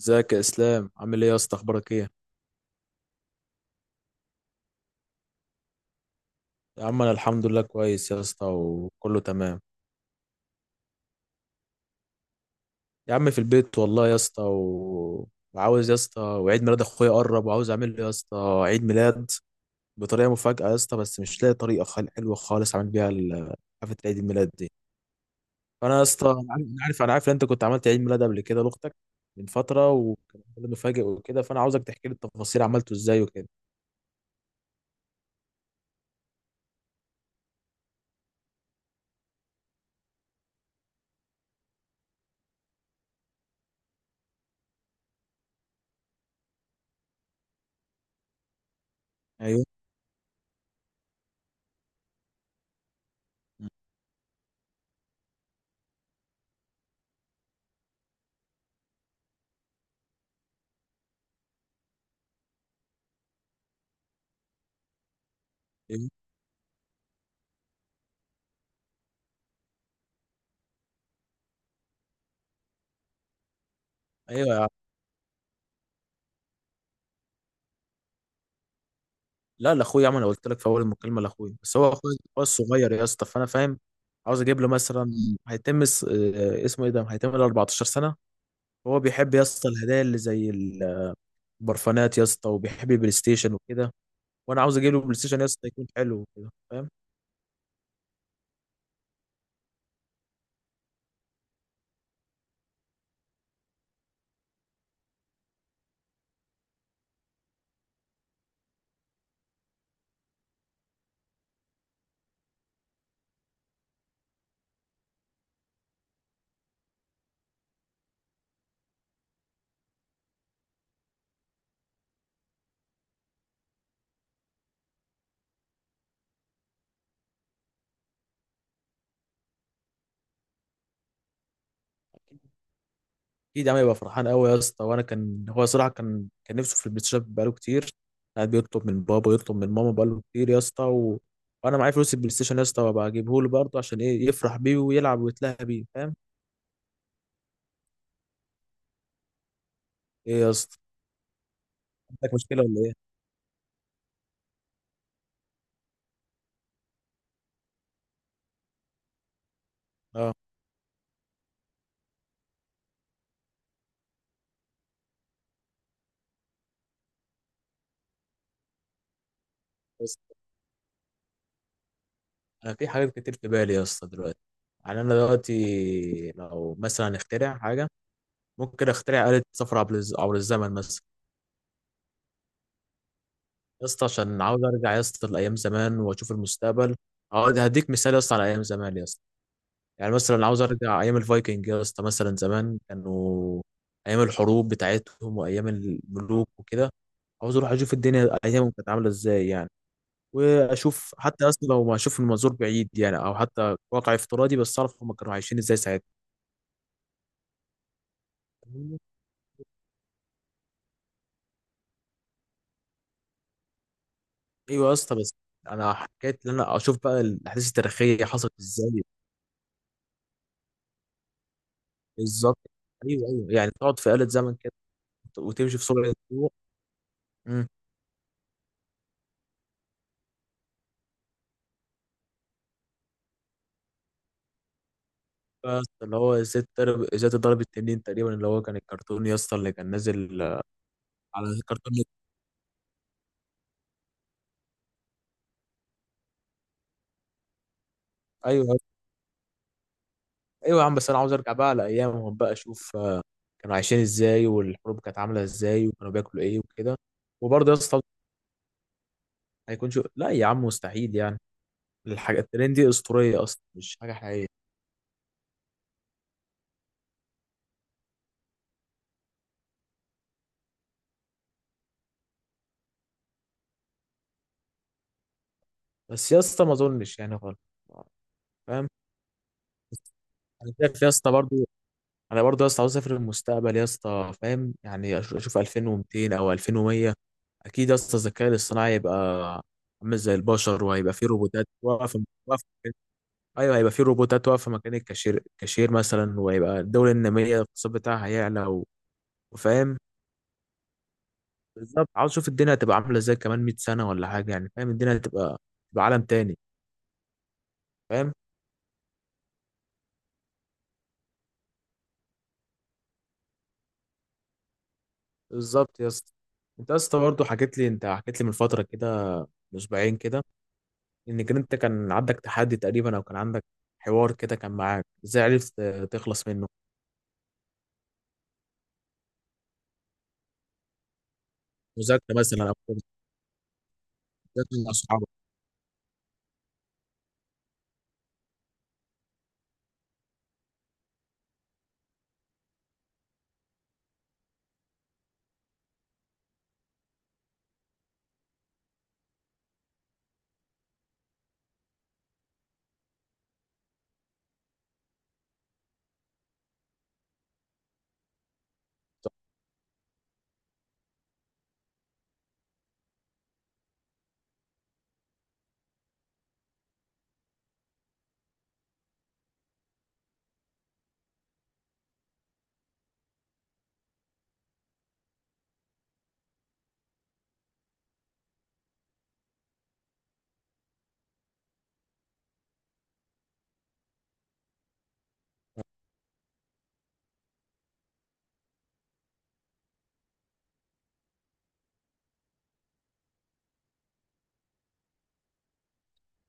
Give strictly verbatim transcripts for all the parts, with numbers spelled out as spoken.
ازيك يا اسلام؟ عامل ايه يا اسطى؟ اخبارك ايه؟ يا عم انا الحمد لله، كويس يا اسطى وكله تمام. يا عم في البيت والله يا اسطى و... وعاوز يا اسطى، وعيد ميلاد اخويا قرب وعاوز اعمل له يا اسطى عيد ميلاد بطريقه مفاجاه يا اسطى. بس مش لاقي طريقه خل... حلوه خالص اعمل بيها ال- حفله عيد الميلاد دي. فانا يا اسطى، انا عارف انا عارف ان انت كنت عملت عيد ميلاد قبل كده لاختك من فتره، وكان ميلاد مفاجئ وكده، فانا عاوزك تحكي لي التفاصيل عملته ازاي وكده. ايوه، ايوه، ايوه. لا، لاخويا يا عم، انا قلت لك في اول المكالمه لاخويا، بس هو اخويا هو الصغير يا اسطى، فانا فاهم. عاوز اجيب له مثلا، هيتم اس- آه، اسمه ايه ده، هيتم له اربعتاشر سنة سنه. هو بيحب يا اسطى الهدايا اللي زي البرفانات يا اسطى، وبيحب البلاي ستيشن وكده. وانا عاوز اجيب له بلاي ستيشن يا اسطى يكون حلو وكده، فاهم. اكيد يا عم، يبقى فرحان قوي يا اسطى. وانا كان هو صراحه كان كان نفسه في البلاي ستيشن بقاله كتير. قاعد بيطلب من بابا، يطلب من ماما بقاله كتير يا اسطى، و... وانا معايا فلوس البلاي ستيشن يا اسطى، وابقى اجيبه له برضه، عشان ايه، يفرح بيه ويلعب ويتلهى بيه، فاهم. ايه يا اسطى، عندك مشكله ولا ايه؟ اه. بس انا في حاجات كتير في بالي يا اسطى دلوقتي. يعني انا دلوقتي لو مثلا اخترع حاجه، ممكن اخترع آلة سفر عبر الز- عبر الزمن مثلا. يا اسطى، عشان عاوز ارجع يا اسطى لايام زمان واشوف المستقبل. عاوز- هديك مثال يا اسطى على ايام زمان يا اسطى. يعني مثلا عاوز ارجع ايام الفايكنج يا اسطى، مثلا زمان كانوا ايام الحروب بتاعتهم وايام الملوك وكده. عاوز اروح اشوف الدنيا ايامهم كانت عامله ازاي يعني. واشوف حتى، اصلا لو ما اشوف من منظور بعيد يعني، او حتى واقع افتراضي، بس اعرف هم كانوا عايشين ازاي ساعتها. ايوه يا اسطى. بس انا حكيت ان انا اشوف بقى الاحداث التاريخيه حصلت ازاي. بالظبط. ايوه، ايوه، يعني تقعد في آلة زمن كده وتمشي في سرعه الضوء. امم بس اللي هو ازاي تضرب ازاي تضرب التنين تقريبا اللي هو كان الكرتون يا اسطى اللي كان نازل آه، على الكرتون. ايوه، ايوه. أيوة يا عم، بس انا عاوز ارجع بقى على ايامهم بقى، اشوف آه، كانوا عايشين ازاي، والحروب كانت عامله ازاي، وكانوا بياكلوا ايه وكده. وبرضه يا اسطى، هيكون شو، لا يا عم مستحيل يعني. الحاجة الترند دي أسطورية أصلا، مش حاجة حقيقية. بس يا اسطى ما أظنش يعني خالص، فاهم. أنا شايف يا اسطى، برضو أنا برضو يا اسطى عاوز أسافر المستقبل يا اسطى، فاهم، يعني أش- أشوف الفين ومئتين أو الفين ومية. أكيد يا اسطى الذكاء الاصطناعي هيبقى عامل زي البشر، وهيبقى فيه روبوتات واقفة واقفة. أيوه، هيبقى فيه روبوتات واقفة مكان الكاشير كاشير مثلا، وهيبقى الدولة النامية الاقتصاد بتاعها هيعلى و- وفاهم. بالظبط، عاوز اشوف الدنيا هتبقى عامله ازاي كمان مية سنه ولا حاجه يعني، فاهم الدنيا هتبقى تبقى عالم تاني. فاهم، بالظبط يا اسطى. انت يا اسطى برضه حكيت لي انت حكيت لي من فتره كده، من اسبوعين كده، انك انت كان عندك تحدي تقريبا، او كان عندك حوار كده كان معاك، ازاي عرفت تخلص منه؟ مذاكره مثلا او كده، مذاكره مع اصحابك.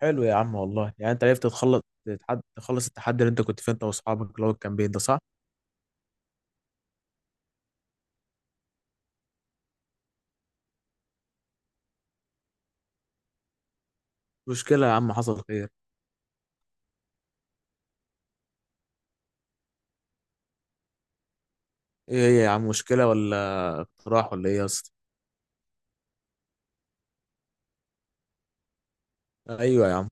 حلو يا عم والله، يعني انت عرفت تخلص، تتحد- تخلص التحدي اللي انت كنت فيه انت واصحابك، اللي هو الكامبين ده، صح؟ مشكله يا عم، حصل خير. ايه هي يا عم، مشكله ولا اقتراح ولا ايه يا اسطى؟ ايوه يا عم.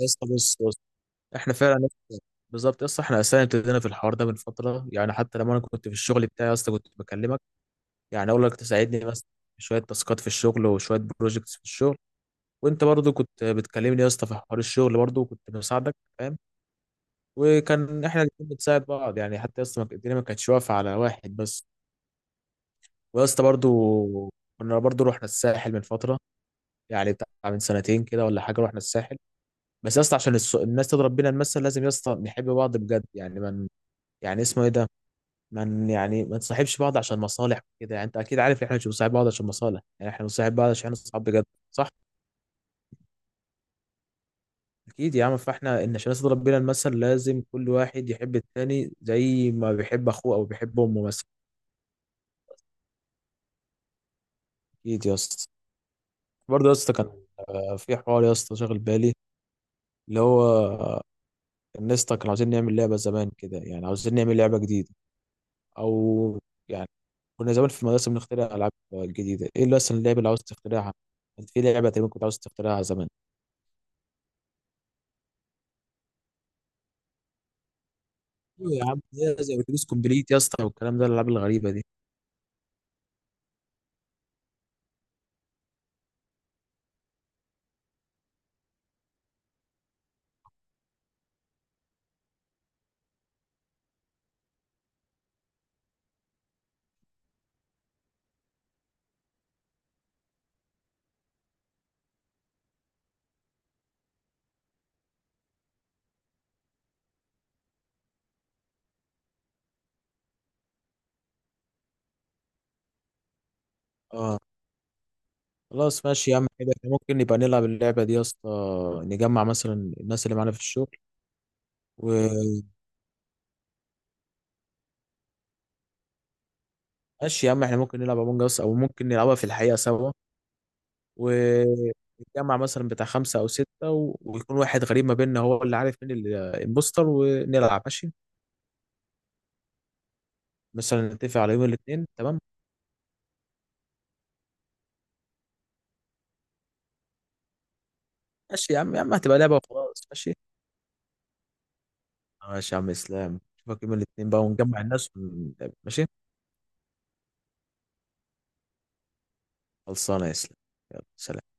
يا اسطى بص بص. احنا فعلا لسه- بالظبط يا اسطى، احنا اساسا ابتدينا في الحوار ده من فتره، يعني حتى لما انا كنت في الشغل بتاعي يا اسطى كنت بكلمك، يعني اقول لك تساعدني بس في شويه تاسكات في الشغل وشويه بروجكتس في الشغل. وانت برضو كنت بتكلمني يا اسطى في حوار الشغل برضو، وكنت بساعدك، فاهم. وكان احنا الاتنين بنساعد بعض يعني، حتى يا اسطى ما- الدنيا ما كانتش واقفه على واحد بس. ويا اسطى برضو، كنا برضو رحنا الساحل من فتره، يعني بتاع من سنتين كده ولا حاجه، رحنا الساحل. بس يا اسطى عشان الس- الناس تضرب بينا المثل، لازم يا اسطى نحب بعض بجد يعني. يعني اسمه ايه ده، من يعني ما نصاحبش بعض عشان مصالح كده. يعني انت اكيد عارف ان احنا مش بنصاحب بعض عشان مصالح، يعني احنا بنصاحب بعض عشان احنا اصحاب بجد، صح. اكيد يا عم، فاحنا ان عشان نصل ربنا المثل، لازم كل واحد يحب التاني زي ما بيحب اخوه او بيحب امه مثلا. اكيد يا اسطى. برضه يا اسطى كان في حوار يا اسطى شاغل بالي، اللي هو الناس كانوا عاوزين نعمل لعبه زمان كده، يعني عاوزين نعمل لعبه جديده او يعني، كنا زمان في المدرسه بنخترع العاب جديده. ايه اللي اصلا اللعبه اللي عاوز تخترعها انت، في لعبه تقريبا كنت عاوز تخترعها زمان؟ ايوه يا عم، زي زي اتوبيس كومبليت يا اسطى والكلام ده، الالعاب الغريبه دي. اه. خلاص ماشي يا عم حلو. إحنا ممكن نبقى نلعب اللعبه دي يا اسطى، نجمع مثلا الناس اللي معانا في الشغل. وماشي يا عم، احنا ممكن نلعب امونج اس، او ممكن نلعبها في الحقيقه سوا. ونتجمع مثلا بتاع خمسه او سته و... ويكون واحد غريب ما بيننا هو اللي عارف مين ال- الامبوستر، ونلعب ماشي. مثلا نتفق على يوم الاثنين، تمام. ماشي يا عم، يا عم هتبقى لعبه وخلاص، ماشي. ماشي يا عم اسلام، نشوفك يوم الاثنين بقى ونجمع الناس ون... ماشي. خلصانه يا اسلام، يلا سلام.